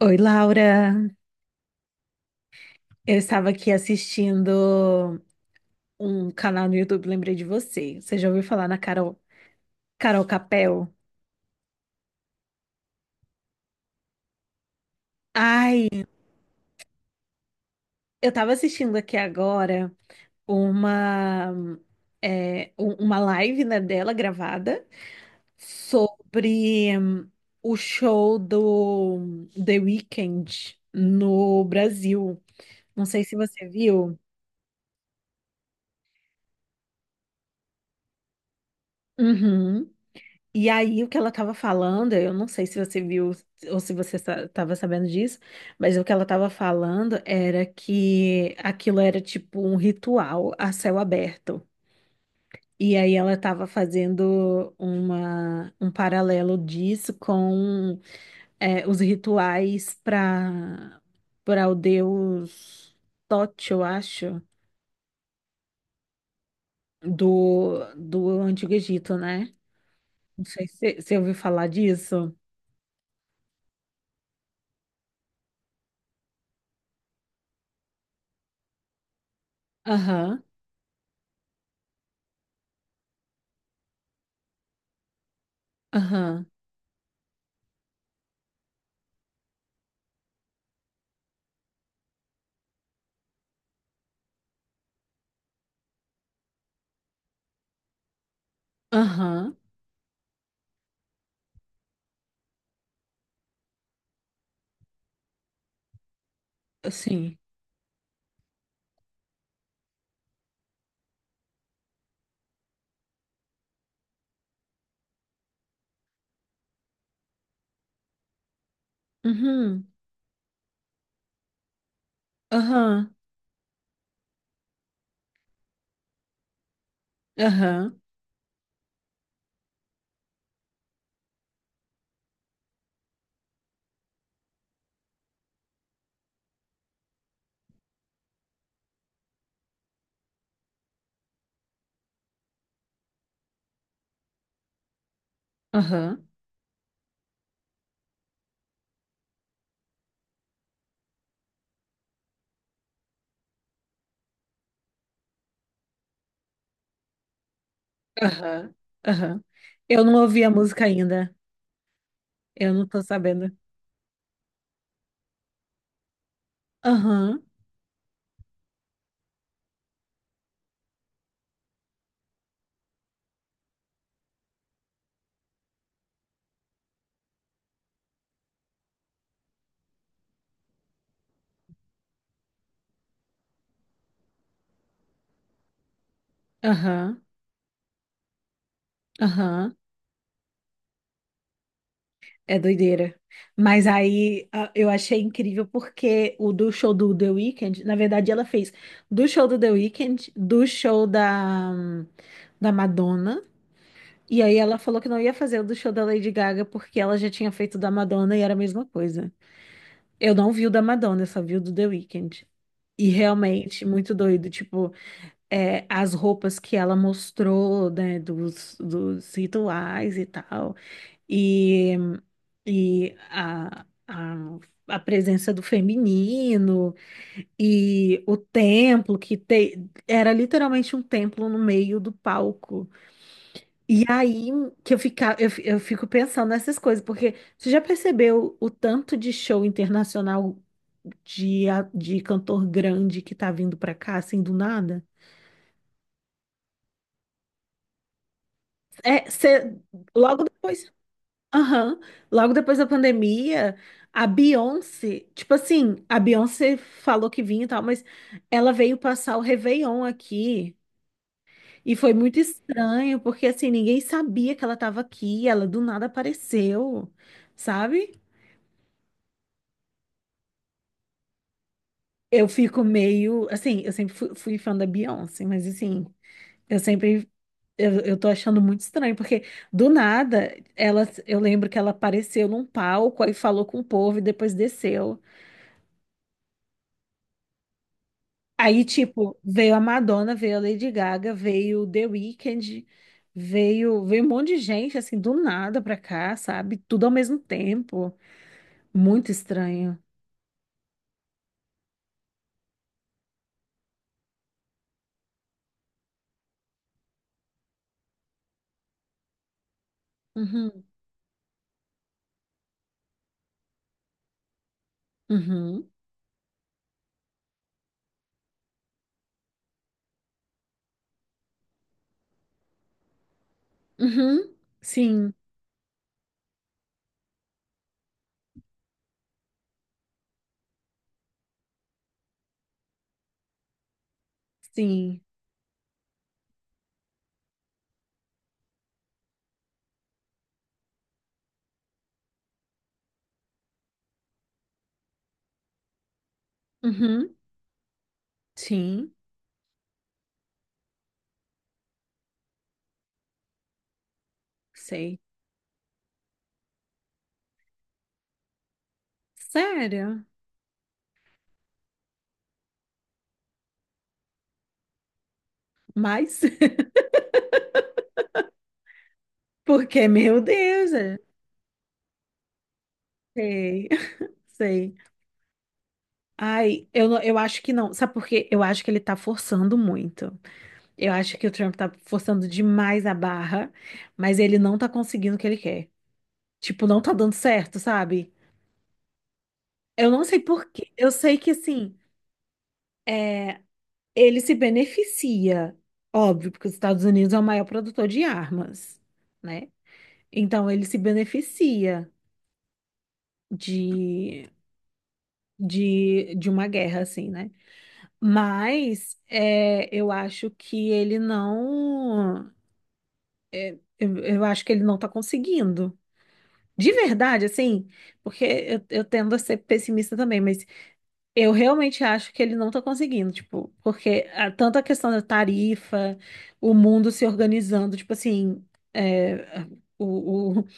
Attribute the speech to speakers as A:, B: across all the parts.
A: Oi, Laura. Eu estava aqui assistindo um canal no YouTube, lembrei de você. Você já ouviu falar na Carol Capel? Ai, eu estava assistindo aqui agora uma, é, uma live, né, dela gravada sobre o show do The Weeknd no Brasil. Não sei se você viu. Uhum. E aí, o que ela estava falando, eu não sei se você viu ou se você estava sabendo disso, mas o que ela estava falando era que aquilo era tipo um ritual a céu aberto. E aí ela estava fazendo uma, um paralelo disso com é, os rituais para o deus Tote, eu acho, do Antigo Egito, né? Não sei se você ouviu falar disso. Aham, aham. Aham, sim. Uhum, aham, aham, aham, aham, aham. Eu não ouvi a música ainda. Eu não tô sabendo. Aham, aham, aham. É doideira. Mas aí eu achei incrível porque o do show do The Weeknd, na verdade ela fez do show do The Weeknd, do show da Madonna. E aí ela falou que não ia fazer o do show da Lady Gaga porque ela já tinha feito o da Madonna e era a mesma coisa. Eu não vi o da Madonna, eu só vi o do The Weeknd. E realmente, muito doido. Tipo, é, as roupas que ela mostrou, né, dos rituais e tal. E, e a presença do feminino. E o templo, era literalmente um templo no meio do palco. E aí que eu, fica, eu, fi- eu fico pensando nessas coisas, porque você já percebeu o tanto de show internacional de, de cantor grande que tá vindo pra cá, assim, do nada? É, logo depois, aham, logo depois da pandemia, a Beyoncé, tipo assim, a Beyoncé falou que vinha e tal, mas ela veio passar o Réveillon aqui e foi muito estranho, porque assim, ninguém sabia que ela estava aqui, ela do nada apareceu, sabe? Eu fico meio, assim, eu sempre fui fã da Beyoncé, mas assim, eu sempre, eu tô achando muito estranho, porque do nada, ela, eu lembro que ela apareceu num palco, aí falou com o povo e depois desceu. Aí, tipo, veio a Madonna, veio a Lady Gaga, veio o The Weeknd, veio um monte de gente, assim, do nada pra cá, sabe? Tudo ao mesmo tempo. Muito estranho. Uhum, uhum, uhum, sim, sim, uhum, sim, sei. Sério? Mas porque, meu Deus, sei, sei. Ai, eu acho que não. Sabe por quê? Eu acho que ele tá forçando muito. Eu acho que o Trump tá forçando demais a barra, mas ele não tá conseguindo o que ele quer. Tipo, não tá dando certo, sabe? Eu não sei por quê. Eu sei que, assim, é, ele se beneficia, óbvio, porque os Estados Unidos é o maior produtor de armas, né? Então, ele se beneficia de de uma guerra, assim, né? Mas é, eu acho que ele não. Eu acho que ele não tá conseguindo. De verdade, assim, porque eu tendo a ser pessimista também, mas eu realmente acho que ele não tá conseguindo, tipo, porque a, tanto a questão da tarifa, o mundo se organizando, tipo assim, é, o, o-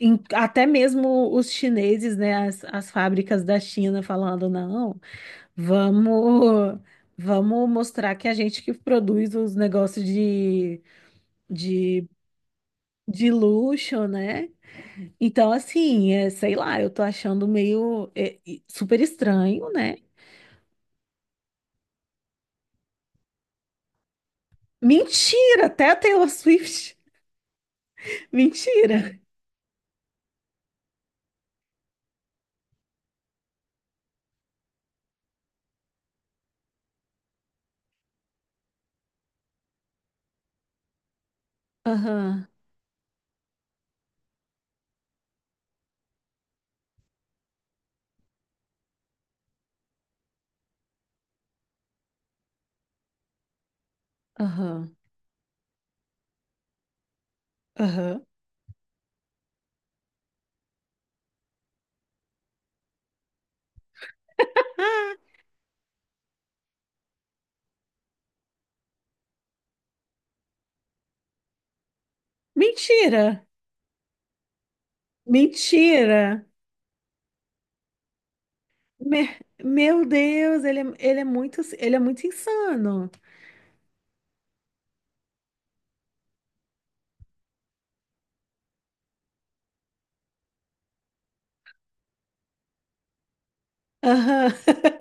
A: até mesmo os chineses, né, as fábricas da China falando, não. Vamos, vamos mostrar que a gente que produz os negócios de, de luxo, né? Então, assim, é, sei lá, eu tô achando meio super estranho, né? Mentira, até a Taylor Swift. Mentira. Aham, aham, aham. Ah, mentira, mentira. Me- meu Deus, ele é muito insano. Aham.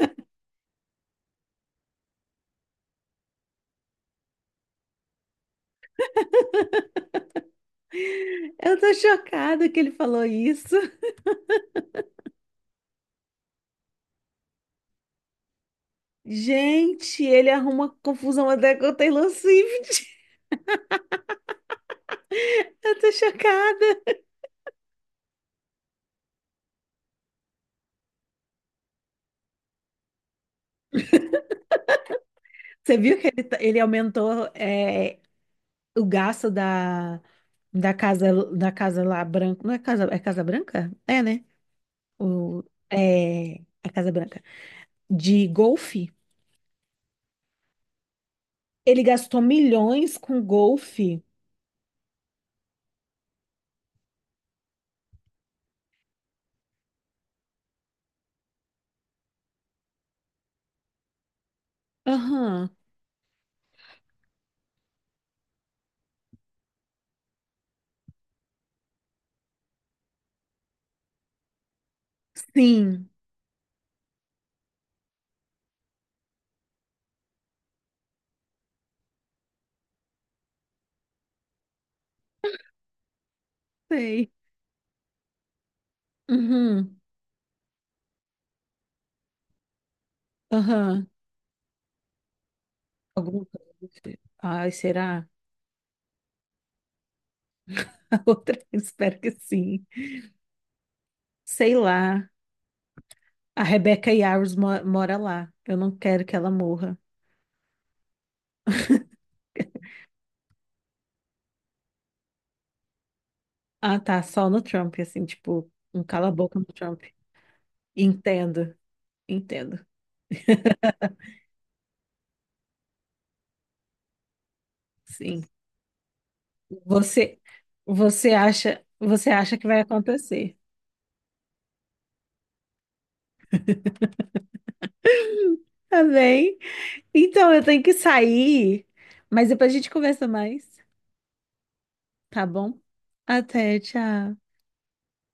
A: Eu tô chocada que ele falou isso. Gente, ele arruma confusão até com o Taylor Swift. Eu tô chocada. Você viu que ele aumentou é, o gasto da casa da casa lá branca. Não é casa, é Casa Branca? É, né? O, é, a Casa Branca. De golfe. Ele gastou milhões com golfe. Aham. Sim. Sei. Uhum. Aham. Alguma coisa. Do tipo. Ai, será? A outra, espero que sim. Sei lá. A Rebecca Yarros mora lá. Eu não quero que ela morra. Ah, tá. Só no Trump, assim, tipo, um cala-boca no Trump. Entendo, entendo. Sim. Você, você acha que vai acontecer. Tá bem? Então, eu tenho que sair, mas depois a gente conversa mais, tá bom? Até, tchau.